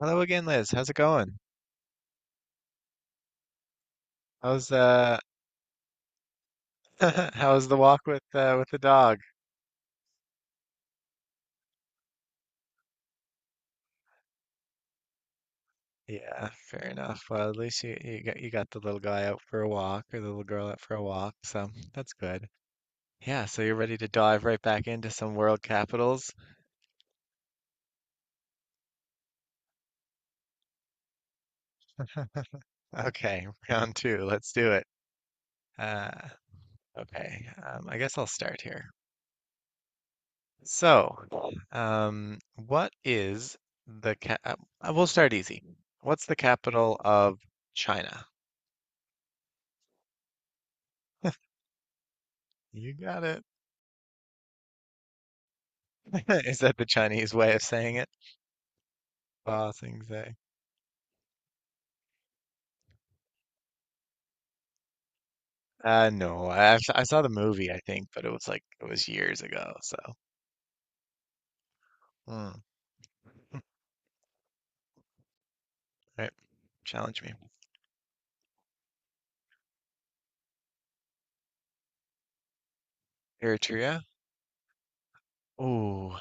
Hello again, Liz. How's it going? How's how's the walk with the dog? Yeah, fair enough. Well, at least you got you got the little guy out for a walk or the little girl out for a walk, so that's good. Yeah, so you're ready to dive right back into some world capitals. Okay, round two. Let's do it. Uh, okay. I guess I'll start here. So, what is the cap? We'll start easy. What's the capital of China? You got it. Is that the Chinese way of saying it? Ba Sing Se. No, I saw the movie, I think, but it was years ago. So, hmm. Right, challenge me. Eritrea? Ooh,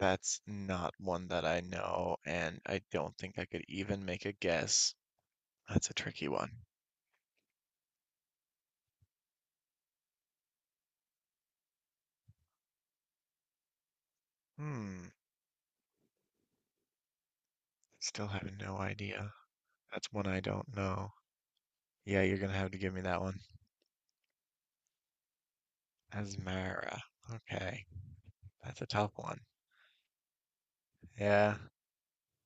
that's not one that I know, and I don't think I could even make a guess. That's a tricky one. Hmm, still have no idea. That's one I don't know. Yeah, you're gonna have to give me that one. Asmara. Okay, that's a tough one. Yeah.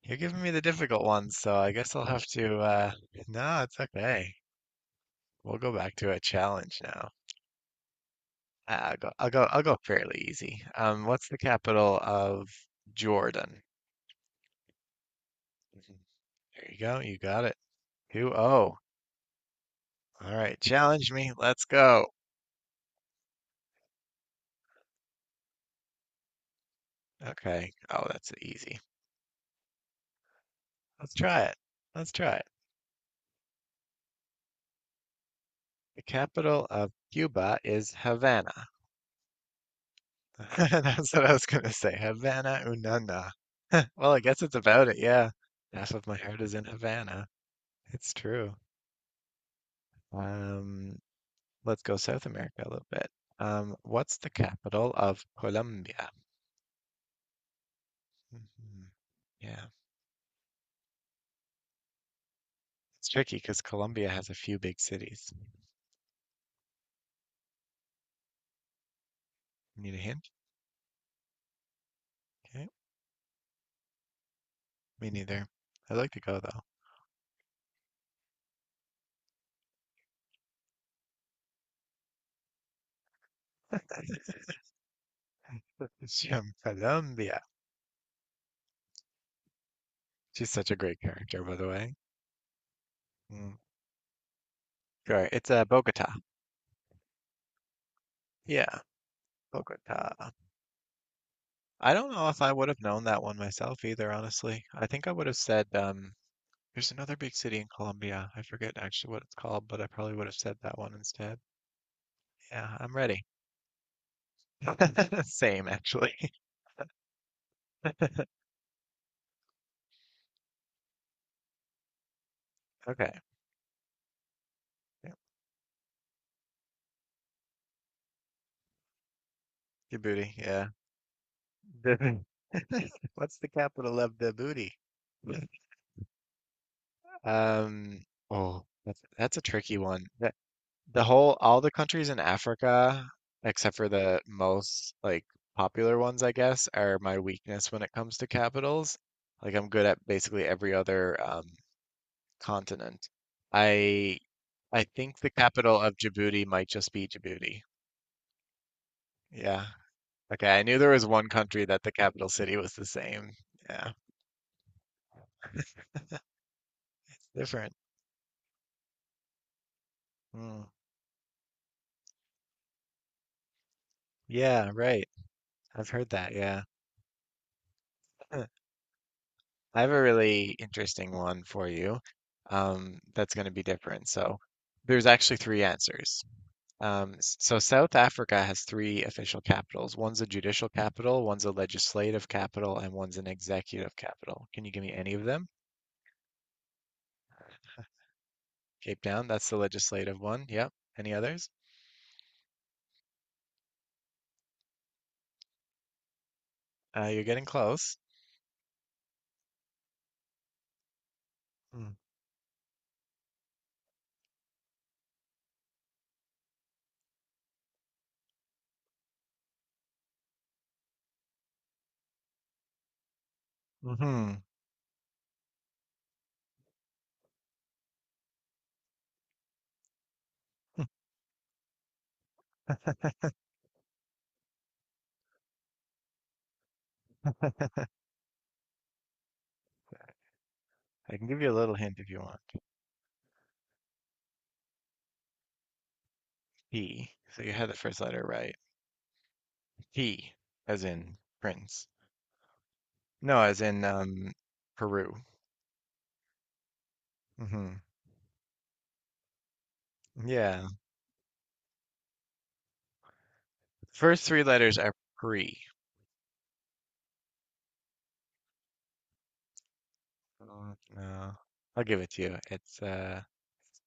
You're giving me the difficult ones, so I guess I'll have to. No, it's okay. We'll go back to a challenge now. I'll go fairly easy. What's the capital of Jordan? Mm-hmm. There you go. You got it. Two oh. All right. Challenge me. Let's go. Okay. Oh, that's easy. Let's try it. Let's try it. The capital of Cuba is Havana. That's what I was gonna say. Havana Unana. Well, I guess it's about it, yeah. Half of my heart is in Havana. It's true. Um, let's go South America a little bit. What's the capital of Colombia? Mhm. Yeah, it's tricky because Colombia has a few big cities. Need a hint? Okay, me neither. I'd like to go though. She's from Colombia. She's such a great character, by the way. Mm. Sure, it's Bogota. Yeah, Bogota. I don't know if I would have known that one myself either, honestly. I think I would have said, there's another big city in Colombia. I forget actually what it's called, but I probably would have said that one instead. Yeah, I'm ready. Same, actually. Okay. Yeah. Djibouti, yeah. Djibouti. What's the capital of Djibouti? Um, oh, that's a tricky one. All the countries in Africa, except for the most like popular ones, I guess, are my weakness when it comes to capitals. Like I'm good at basically every other continent. I I think the capital of Djibouti might just be Djibouti. Yeah. Okay, I knew there was one country that the capital city was the same. Yeah, it's different. Hmm. Yeah, right. I've heard that. Yeah. I have a really interesting one for you. That's going to be different. So there's actually three answers. So South Africa has three official capitals. One's a judicial capital, one's a legislative capital, and one's an executive capital. Can you give me any of them? Cape Town, that's the legislative one. Yep. Any others? You're getting close. Mm-hmm. I can give you a little hint if you want. P. So you had the first letter right. P, as in prince. No, as in Peru. Mm-hmm. Yeah. First three letters are pre. Oh, no. I'll give it to you. It's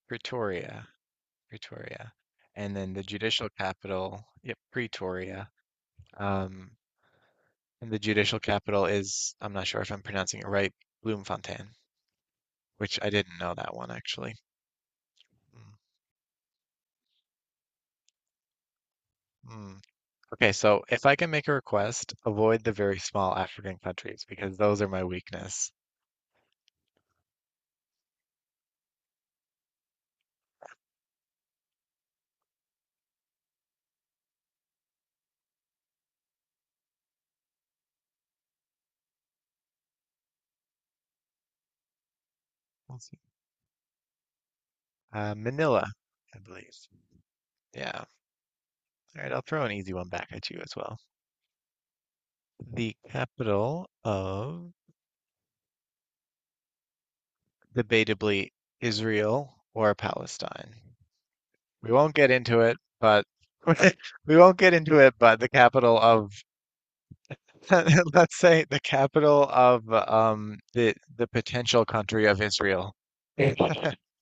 Pretoria. Pretoria. And then the judicial capital, yep, Pretoria. Um, and the judicial capital is, I'm not sure if I'm pronouncing it right, Bloemfontein, which I didn't know that one actually. Mm, mm. Okay, so if I can make a request, avoid the very small African countries because those are my weakness. Awesome. Manila, I believe. Yeah. All right, I'll throw an easy one back at you as well. The capital of debatably Israel or Palestine. We won't get into it, but we won't get into it, but the capital of let's say the capital of the potential country of Israel.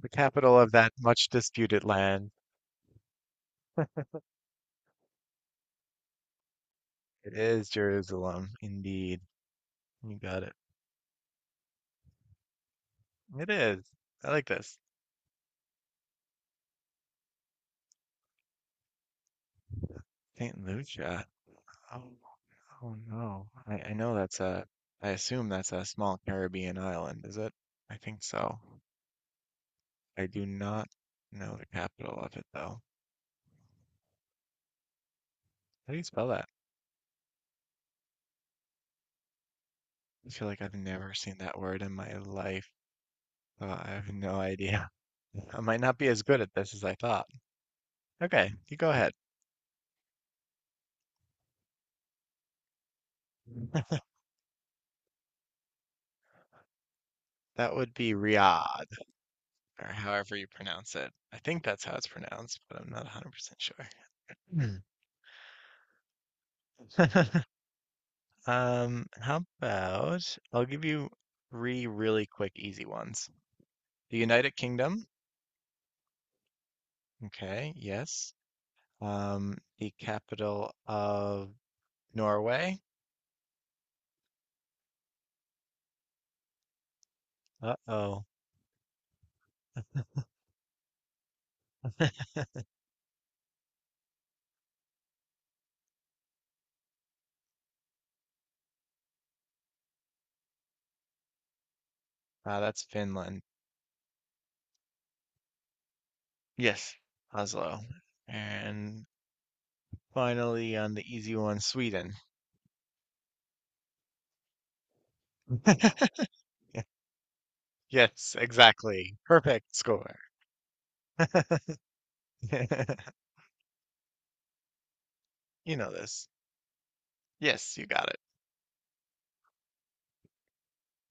The capital of that much disputed land. It is Jerusalem, indeed. You got it. It is. I like this. St. Lucia. Oh, Oh no. I know that's a, I assume that's a small Caribbean island, is it? I think so. I do not know the capital of it though. How do you spell that? I feel like I've never seen that word in my life. So I have no idea. I might not be as good at this as I thought. Okay, you go ahead. That would be Riyadh, or however you pronounce it. I think that's how it's pronounced, but I'm not 100% sure. Hmm. How about I'll give you three really quick, easy ones. The United Kingdom, okay, yes. The capital of Norway. Uh-oh. Ah, that's Finland. Yes. Oslo. And finally, on the easy one, Sweden. Yes, exactly. Perfect score. You know this. Yes, you got it.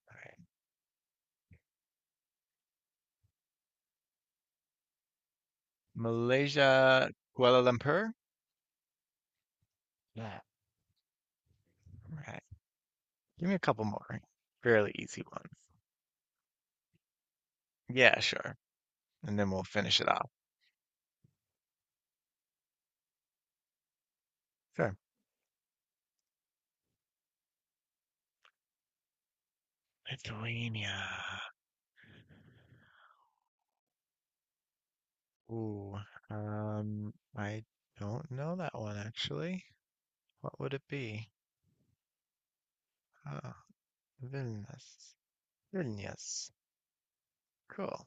All right. Malaysia, Kuala Lumpur. Yeah. All right. Give me a couple more right? Fairly easy ones. Yeah, sure. And then we'll finish it off. Sure. Lithuania. Ooh. I don't know that one actually. What would it be? Ah, Vilnius. Vilnius. Cool.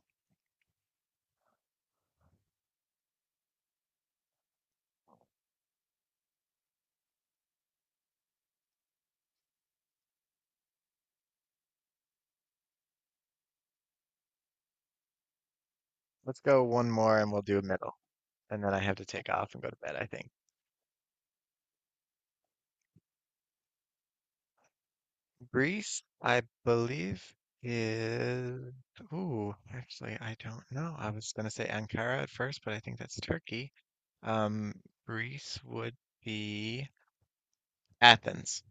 Let's go one more and we'll do a middle. And then I have to take off and go to bed, I think. Greece, I believe, is. Ooh, actually, I don't know. I was going to say Ankara at first, but I think that's Turkey. Um, Greece would be Athens.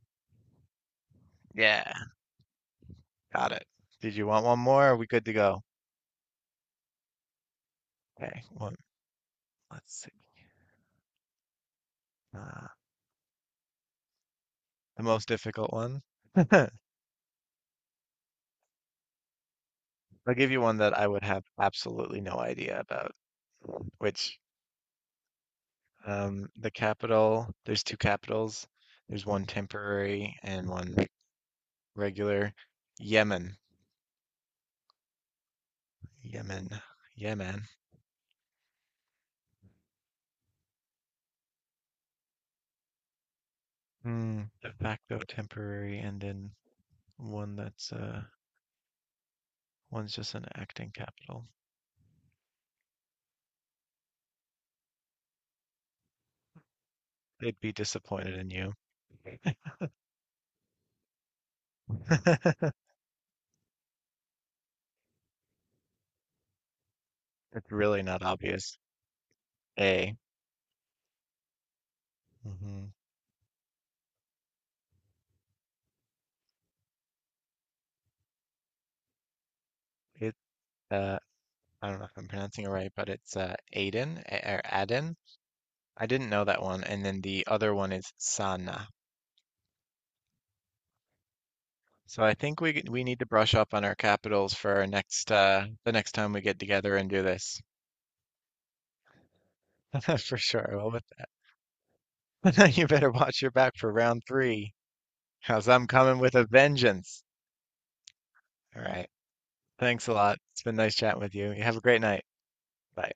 Yeah, got it. Did you want one more? Are we good to go? Okay, one. Let's see. Uh, the most difficult one. I'll give you one that I would have absolutely no idea about, which the capital, there's two capitals. There's one temporary and one regular. Yemen, Yemen, Yemen. Hmm, de facto temporary, and then one that's one's just an acting capital. They'd be disappointed in you. It's really not obvious. A. Hmm. It. Uh, I don't know if I'm pronouncing it right, but it's Aden or Aden. I didn't know that one, and then the other one is Sana. So I think we need to brush up on our capitals for our next the next time we get together and do this for sure. Well, with now you better watch your back for round three, because I'm coming with a vengeance. All right. Thanks a lot. It's been nice chatting with you. You have a great night. Bye.